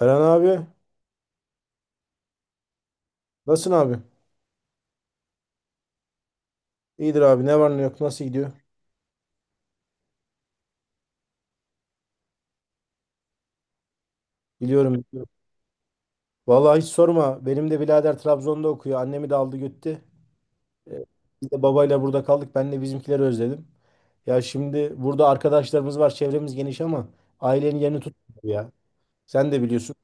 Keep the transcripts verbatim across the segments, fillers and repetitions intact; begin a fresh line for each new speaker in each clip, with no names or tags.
Eren abi, nasılsın abi? İyidir abi, ne var ne yok, nasıl gidiyor? Biliyorum, biliyorum. Vallahi hiç sorma, benim de birader Trabzon'da okuyor, annemi de aldı gitti. Ee, Biz de babayla burada kaldık, ben de bizimkileri özledim. Ya şimdi burada arkadaşlarımız var, çevremiz geniş ama ailenin yerini tutmuyor ya. Sen de biliyorsun,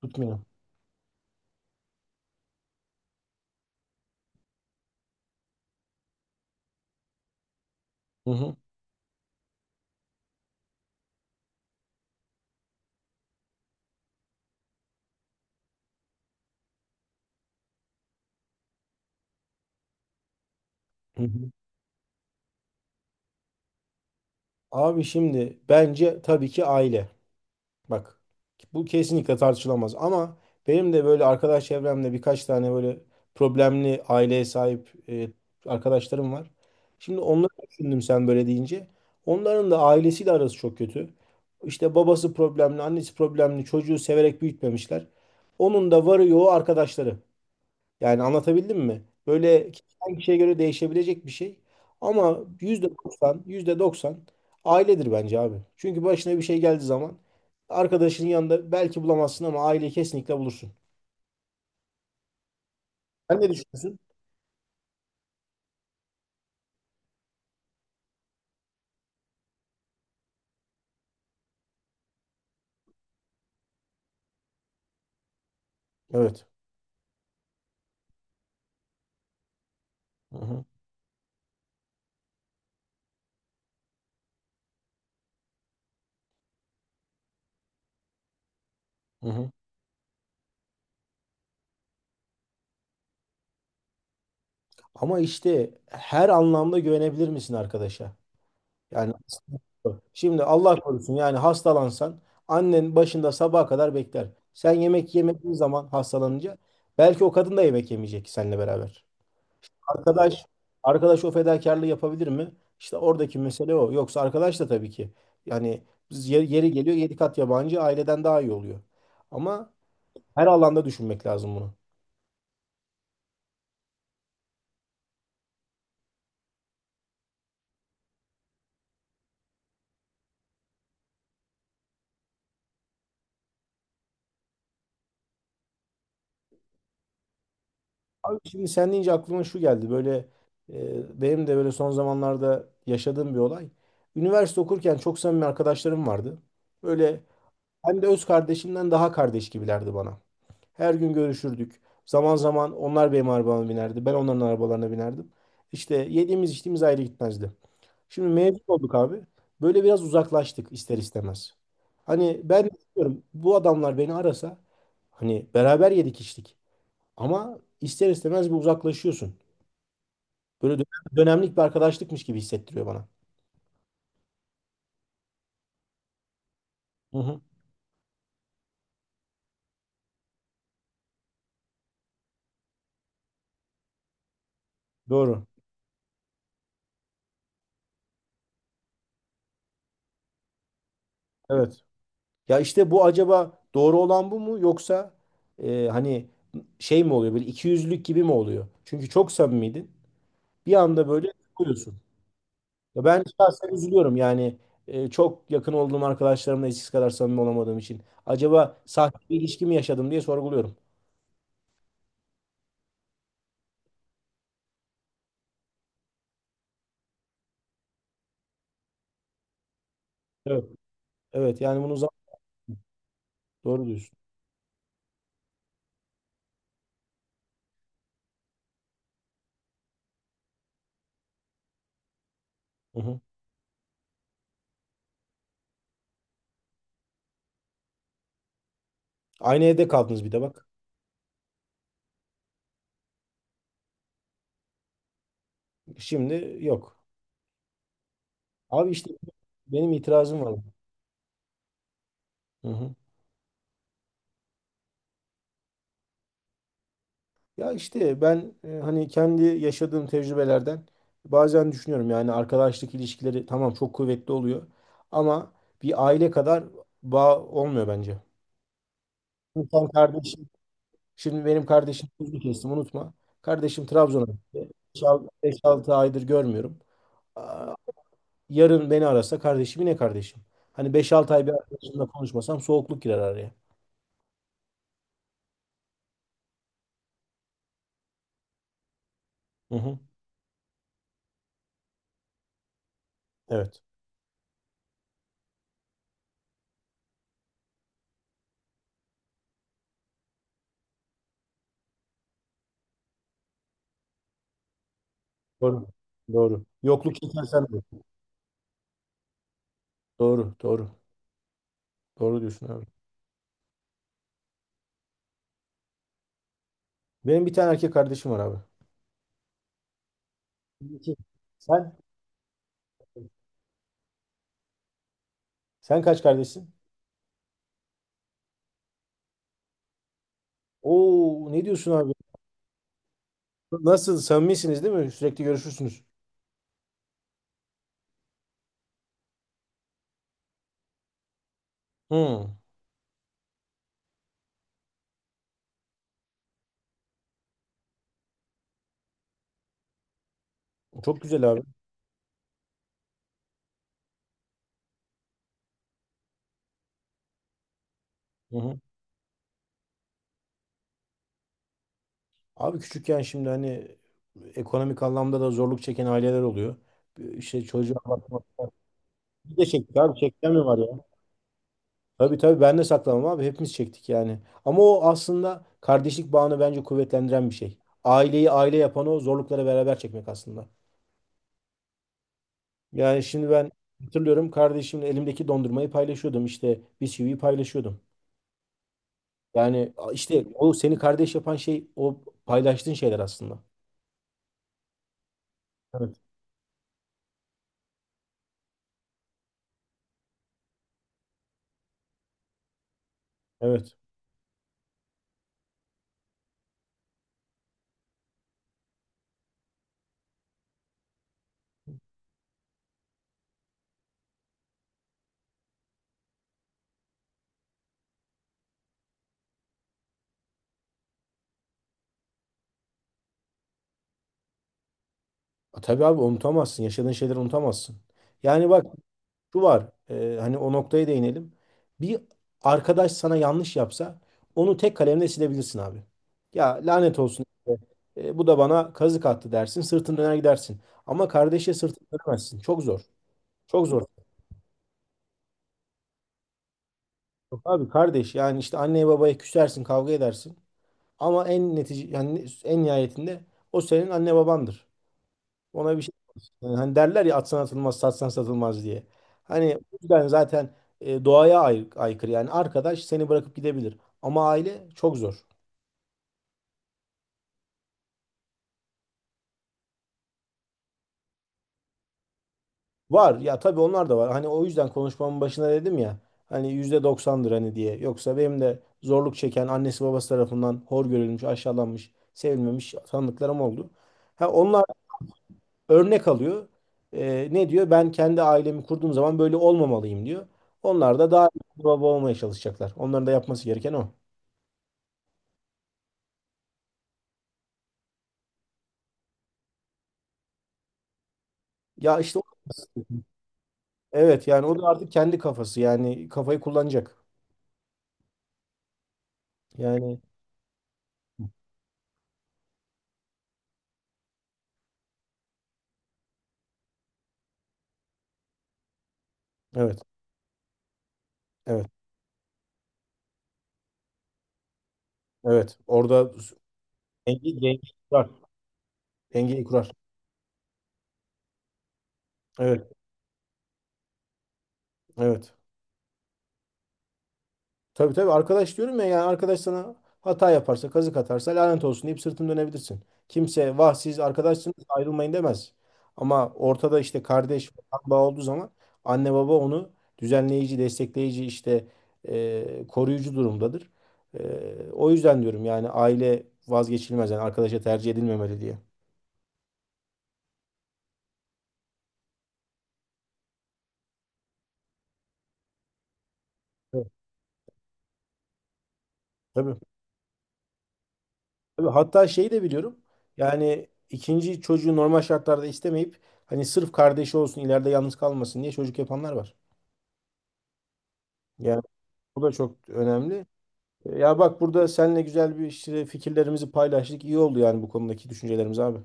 tutmuyor. Hı hı. Hı hı. Abi şimdi bence tabii ki aile. Bak, bu kesinlikle tartışılamaz ama benim de böyle arkadaş çevremde birkaç tane böyle problemli aileye sahip e, arkadaşlarım var. Şimdi onları düşündüm sen böyle deyince. Onların da ailesiyle arası çok kötü. İşte babası problemli, annesi problemli, çocuğu severek büyütmemişler. Onun da varı yoğu arkadaşları. Yani anlatabildim mi? Böyle kişiden kişiye göre değişebilecek bir şey. Ama yüzde doksan, yüzde doksan ailedir bence abi. Çünkü başına bir şey geldiği zaman arkadaşının yanında belki bulamazsın ama aileyi kesinlikle bulursun. Sen ne düşünüyorsun? Evet. Hı hı, hı hı. Ama işte her anlamda güvenebilir misin arkadaşa? Yani şimdi Allah korusun yani hastalansan annen başında sabaha kadar bekler. Sen yemek yemediğin zaman hastalanınca belki o kadın da yemek yemeyecek seninle beraber. Arkadaş arkadaş o fedakarlığı yapabilir mi? İşte oradaki mesele o. Yoksa arkadaş da tabii ki yani biz yeri, yeri geliyor yedi kat yabancı aileden daha iyi oluyor. Ama her alanda düşünmek lazım bunu. Abi şimdi sen deyince aklıma şu geldi. Böyle e, benim de böyle son zamanlarda yaşadığım bir olay. Üniversite okurken çok samimi arkadaşlarım vardı. Böyle hem de öz kardeşimden daha kardeş gibilerdi bana. Her gün görüşürdük. Zaman zaman onlar benim arabama binerdi. Ben onların arabalarına binerdim. İşte yediğimiz içtiğimiz ayrı gitmezdi. Şimdi mezun olduk abi. Böyle biraz uzaklaştık ister istemez. Hani ben diyorum bu adamlar beni arasa hani beraber yedik içtik. Ama ister istemez bir uzaklaşıyorsun. Böyle dö- dönemlik bir arkadaşlıkmış gibi hissettiriyor bana. Hı hı. Doğru. Evet. Ya işte bu acaba doğru olan bu mu yoksa e, hani şey mi oluyor, böyle ikiyüzlülük gibi mi oluyor? Çünkü çok samimiydin. Bir anda böyle koyuyorsun. Ya ben şahsen üzülüyorum yani e, çok yakın olduğum arkadaşlarımla eskisi kadar samimi olamadığım için. Acaba sahte bir ilişki mi yaşadım diye sorguluyorum. Evet. Evet yani bunu zam- doğru diyorsun. Hı hı. Aynı evde kaldınız bir de bak. Şimdi yok. Abi işte benim itirazım var. Hı hı. Ya işte ben e, hani kendi yaşadığım tecrübelerden bazen düşünüyorum yani arkadaşlık ilişkileri tamam çok kuvvetli oluyor ama bir aile kadar bağ olmuyor bence. Şimdi sen kardeşim, şimdi benim kardeşim sözünü kestim unutma. Kardeşim Trabzon'a gitti. beş altı aydır görmüyorum. Aa, Yarın beni arasa kardeşim yine kardeşim. Hani beş altı ay bir arkadaşımla konuşmasam soğukluk girer araya. Hı hı. Evet. Doğru. Doğru. Yokluk çekersen de. Doğru. Doğru. Doğru diyorsun abi. Benim bir tane erkek kardeşim var abi. İki. Sen? Sen kaç kardeşsin? Oo ne diyorsun abi? Nasıl samimisiniz değil mi? Sürekli görüşürsünüz. Hı. Çok güzel abi. Hı hı. Abi küçükken şimdi hani ekonomik anlamda da zorluk çeken aileler oluyor. İşte çocuğa bakmak. Bir de çektik abi, çekten mi var ya? Tabii tabii ben de saklamam abi, hepimiz çektik yani. Ama o aslında kardeşlik bağını bence kuvvetlendiren bir şey. Aileyi aile yapan o zorlukları beraber çekmek aslında. Yani şimdi ben hatırlıyorum, kardeşimle elimdeki dondurmayı paylaşıyordum işte bisküviyi paylaşıyordum. Yani işte o seni kardeş yapan şey o paylaştığın şeyler aslında. Evet. Evet. A, tabii abi unutamazsın. Yaşadığın şeyleri unutamazsın. Yani bak şu var. E, hani o noktaya değinelim. Bir arkadaş sana yanlış yapsa onu tek kalemle silebilirsin abi. Ya lanet olsun, işte, e, bu da bana kazık attı dersin. Sırtını döner gidersin. Ama kardeşe sırtını dönemezsin. Çok zor. Çok zor. Yok abi kardeş yani işte anneye babaya küsersin kavga edersin ama en netice yani en nihayetinde o senin anne babandır. Ona bir şey yapamazsın. Yani hani derler ya atsan atılmaz satsan satılmaz diye. Hani bu yüzden zaten e, doğaya ay aykırı, yani arkadaş seni bırakıp gidebilir ama aile çok zor. Var ya tabii, onlar da var, hani o yüzden konuşmamın başına dedim ya hani yüzde doksandır hani diye. Yoksa benim de zorluk çeken annesi babası tarafından hor görülmüş aşağılanmış sevilmemiş tanıdıklarım oldu. Ha, onlar örnek alıyor. Ee, ne diyor? Ben kendi ailemi kurduğum zaman böyle olmamalıyım diyor. Onlar da daha iyi bir baba olmaya çalışacaklar. Onların da yapması gereken o. Ya işte o- evet, yani o da artık kendi kafası, yani kafayı kullanacak. Yani evet evet evet, orada dengeyi dengeyi kurar. Dengeyi kurar. Evet evet. Tabii tabii arkadaş diyorum ya, yani arkadaş sana hata yaparsa kazık atarsa lanet olsun deyip sırtını dönebilirsin. Kimse vah siz arkadaşsınız ayrılmayın demez. Ama ortada işte kardeş kan bağı olduğu zaman anne baba onu düzenleyici, destekleyici, işte e, koruyucu durumdadır. E, o yüzden diyorum yani aile vazgeçilmez yani arkadaşa tercih edilmemeli diye. Evet. Tabii. Tabii. Hatta şeyi de biliyorum. Yani ikinci çocuğu normal şartlarda istemeyip hani sırf kardeşi olsun ileride yalnız kalmasın diye çocuk yapanlar var. Yani bu da çok önemli. E, Ya bak, burada seninle güzel bir işte fikirlerimizi paylaştık. İyi oldu yani bu konudaki düşüncelerimiz abi.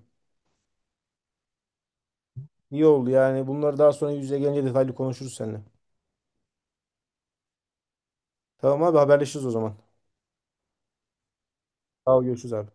İyi oldu yani. Bunları daha sonra yüz yüze gelince detaylı konuşuruz seninle. Tamam abi, haberleşiriz o zaman. Sağ ol, görüşürüz abi.